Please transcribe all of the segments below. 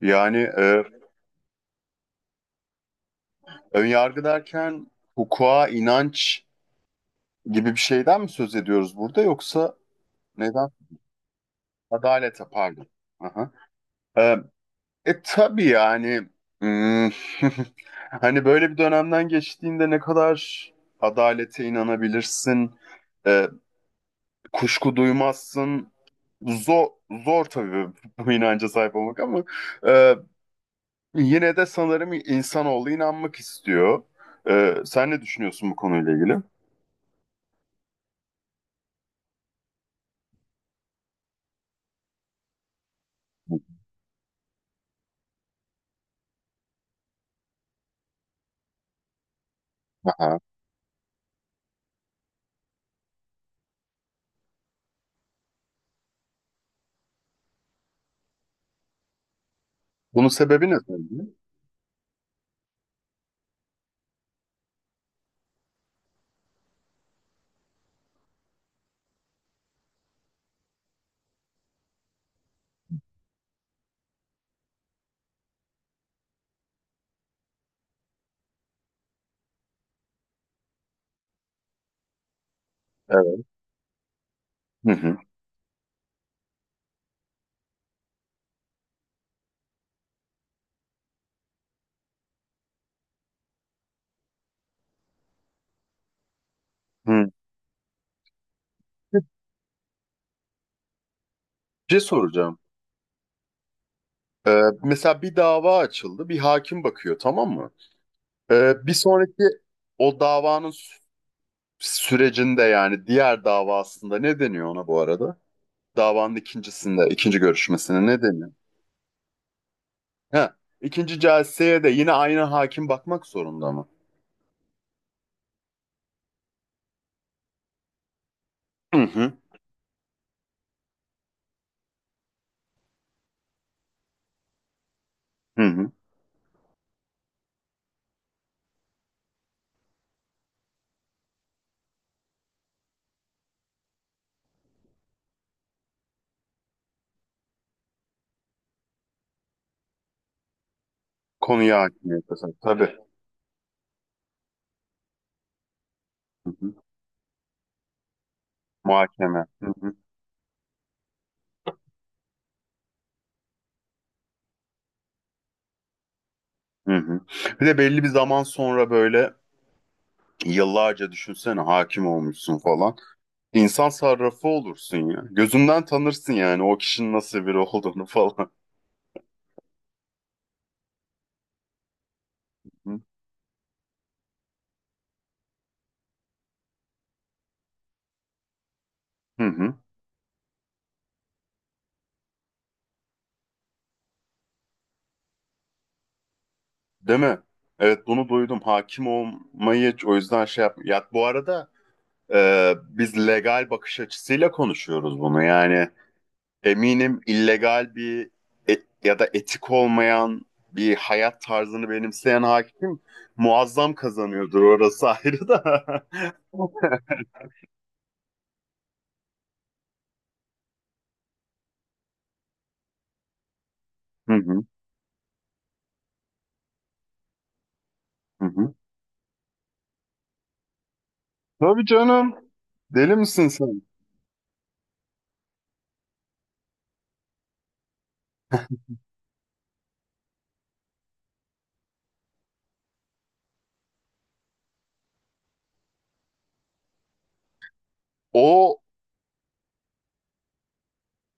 Yani ön yargı derken hukuka, inanç gibi bir şeyden mi söz ediyoruz burada yoksa neden? Adalete pardon. Aha. E, tabii yani hmm, hani böyle bir dönemden geçtiğinde ne kadar adalete inanabilirsin, e, kuşku duymazsın. Zor, zor tabii bu inanca sahip olmak ama e, yine de sanırım insanoğlu inanmak istiyor. Sen ne düşünüyorsun bu konuyla ilgili? Aha. Bunun sebebi ne sence? Evet. Hı hı. Hı. Bir şey soracağım. Mesela bir dava açıldı, bir hakim bakıyor, tamam mı? Bir sonraki o davanın sürecinde, yani diğer davasında ne deniyor ona bu arada? Davanın ikincisinde, ikinci görüşmesine ne deniyor? Ha, ikinci celseye de yine aynı hakim bakmak zorunda mı? Hı hı. Hı hı. Konuya hakimiyet kazan. Tabii. Hı hı. Muhakeme. Hı hı. Hı hı. Bir de belli bir zaman sonra böyle yıllarca düşünsene, hakim olmuşsun falan. İnsan sarrafı olursun ya. Gözünden tanırsın yani o kişinin nasıl biri olduğunu falan. Hı hı. Değil mi? Evet, bunu duydum. Hakim olmayı o yüzden şey yap. Ya bu arada biz legal bakış açısıyla konuşuyoruz bunu. Yani eminim illegal bir ya da etik olmayan bir hayat tarzını benimseyen hakim muazzam kazanıyordur. Orası ayrı da. Hı hı. Hı hı. Tabii canım. Deli misin sen? O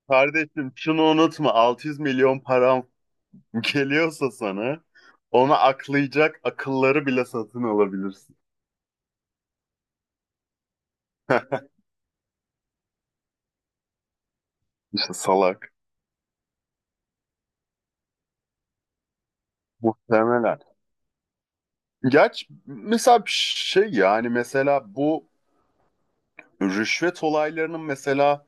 kardeşim şunu unutma. 600 milyon param geliyorsa sana, ona aklayacak akılları bile satın alabilirsin. İşte salak. Muhtemelen. Gerçi mesela bir şey, yani mesela bu rüşvet olaylarının mesela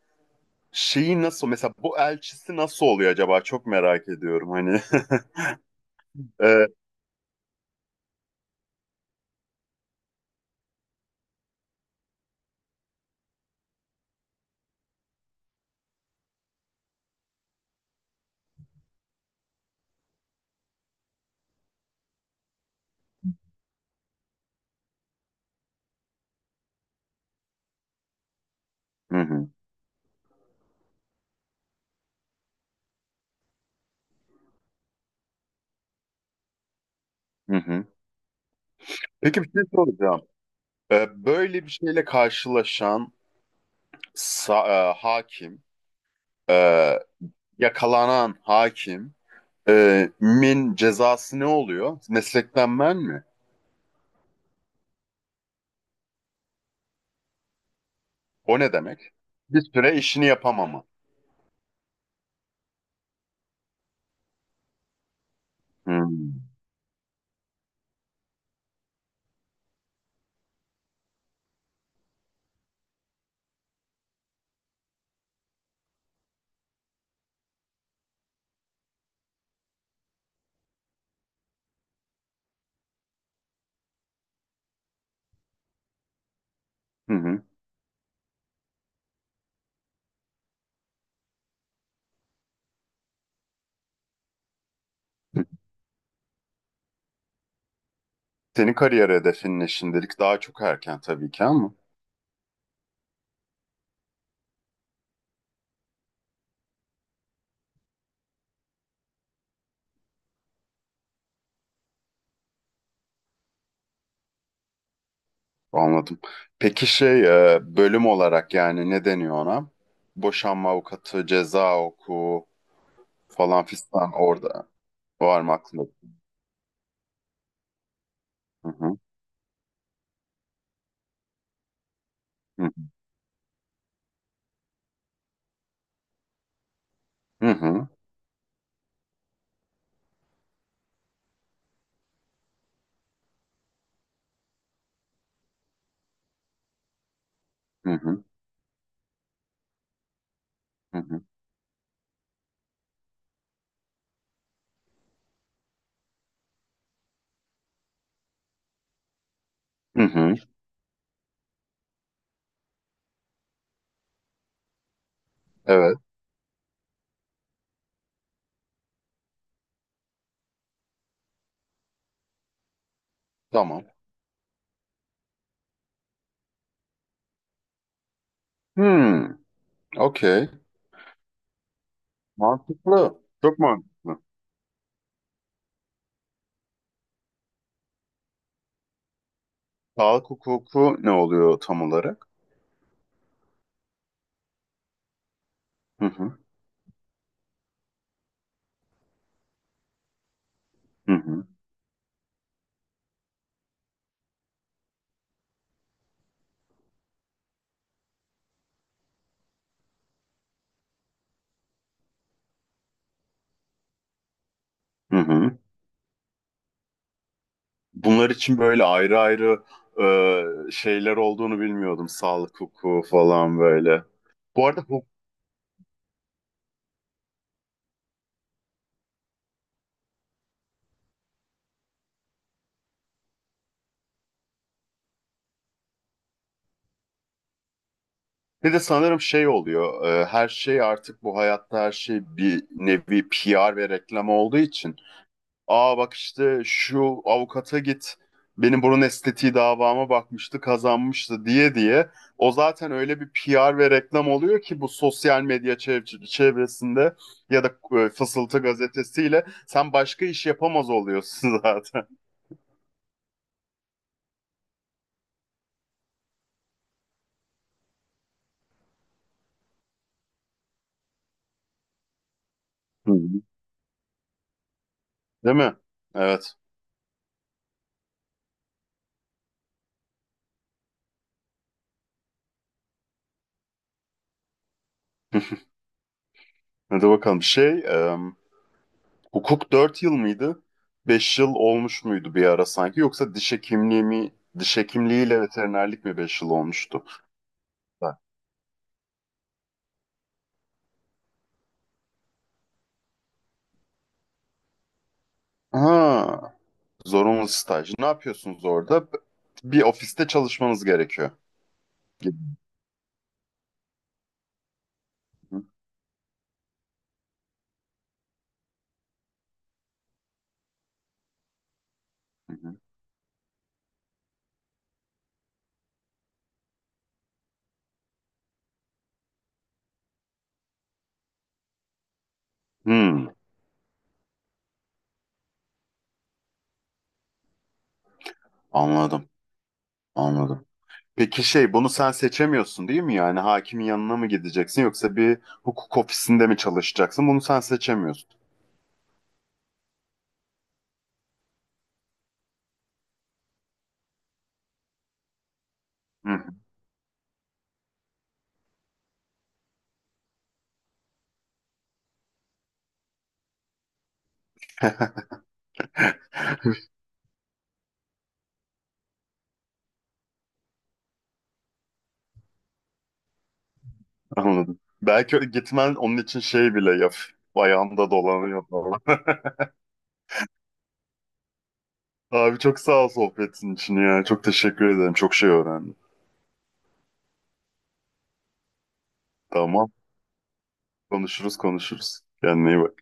şeyi nasıl, mesela bu elçisi nasıl oluyor acaba, çok merak ediyorum hani. Ee, hı hı, hı hı. Peki bir şey soracağım. Böyle bir şeyle karşılaşan hakim, e, yakalanan hakim min cezası ne oluyor? Meslekten men mi? O ne demek? Bir süre işini yapamama. Hmm. Hı hı. Senin kariyer hedefin ne şimdilik? Daha çok erken tabii ki ama anladım. Peki şey, bölüm olarak yani ne deniyor ona? Boşanma avukatı, ceza hukuku falan fistan, orada var mı aklında? Hı hı. Hı hı. Hı hı. Hı hı. Hı hı. Hı hı. Evet. Tamam. Hmm, okey. Mantıklı. Çok mantıklı. Sağlık hukuku ne oluyor tam olarak? Hı hı, hı hı, hı hı. Bunlar için böyle ayrı ayrı şeyler olduğunu bilmiyordum. Sağlık hukuku falan böyle. Bu arada hukuk bir de sanırım şey oluyor. Her şey artık bu hayatta, her şey bir nevi PR ve reklam olduğu için. Aa, bak işte şu avukata git. Benim burun estetiği davama bakmıştı, kazanmıştı diye diye. O zaten öyle bir PR ve reklam oluyor ki bu sosyal medya çevresinde, ya da Fısıltı gazetesiyle sen başka iş yapamaz oluyorsun zaten. Hı hı. Değil mi? Evet. Hadi bakalım. Hukuk 4 yıl mıydı? 5 yıl olmuş muydu bir ara sanki? Yoksa diş hekimliği mi, diş hekimliğiyle veterinerlik mi 5 yıl olmuştu? Ha, zorunlu staj. Ne yapıyorsunuz orada? Bir ofiste çalışmanız gerekiyor gibi. Hı hı. Hmm, anladım, anladım. Peki bunu sen seçemiyorsun değil mi? Yani hakimin yanına mı gideceksin, yoksa bir hukuk ofisinde mi çalışacaksın? Bunu sen seçemiyorsun. Hı hı, anladım. Belki öyle gitmen onun için şey bile yap. Ayağımda dolanıyor falan. Abi çok sağ ol sohbetin için ya. Çok teşekkür ederim. Çok şey öğrendim. Tamam. Konuşuruz, konuşuruz. Kendine iyi bak.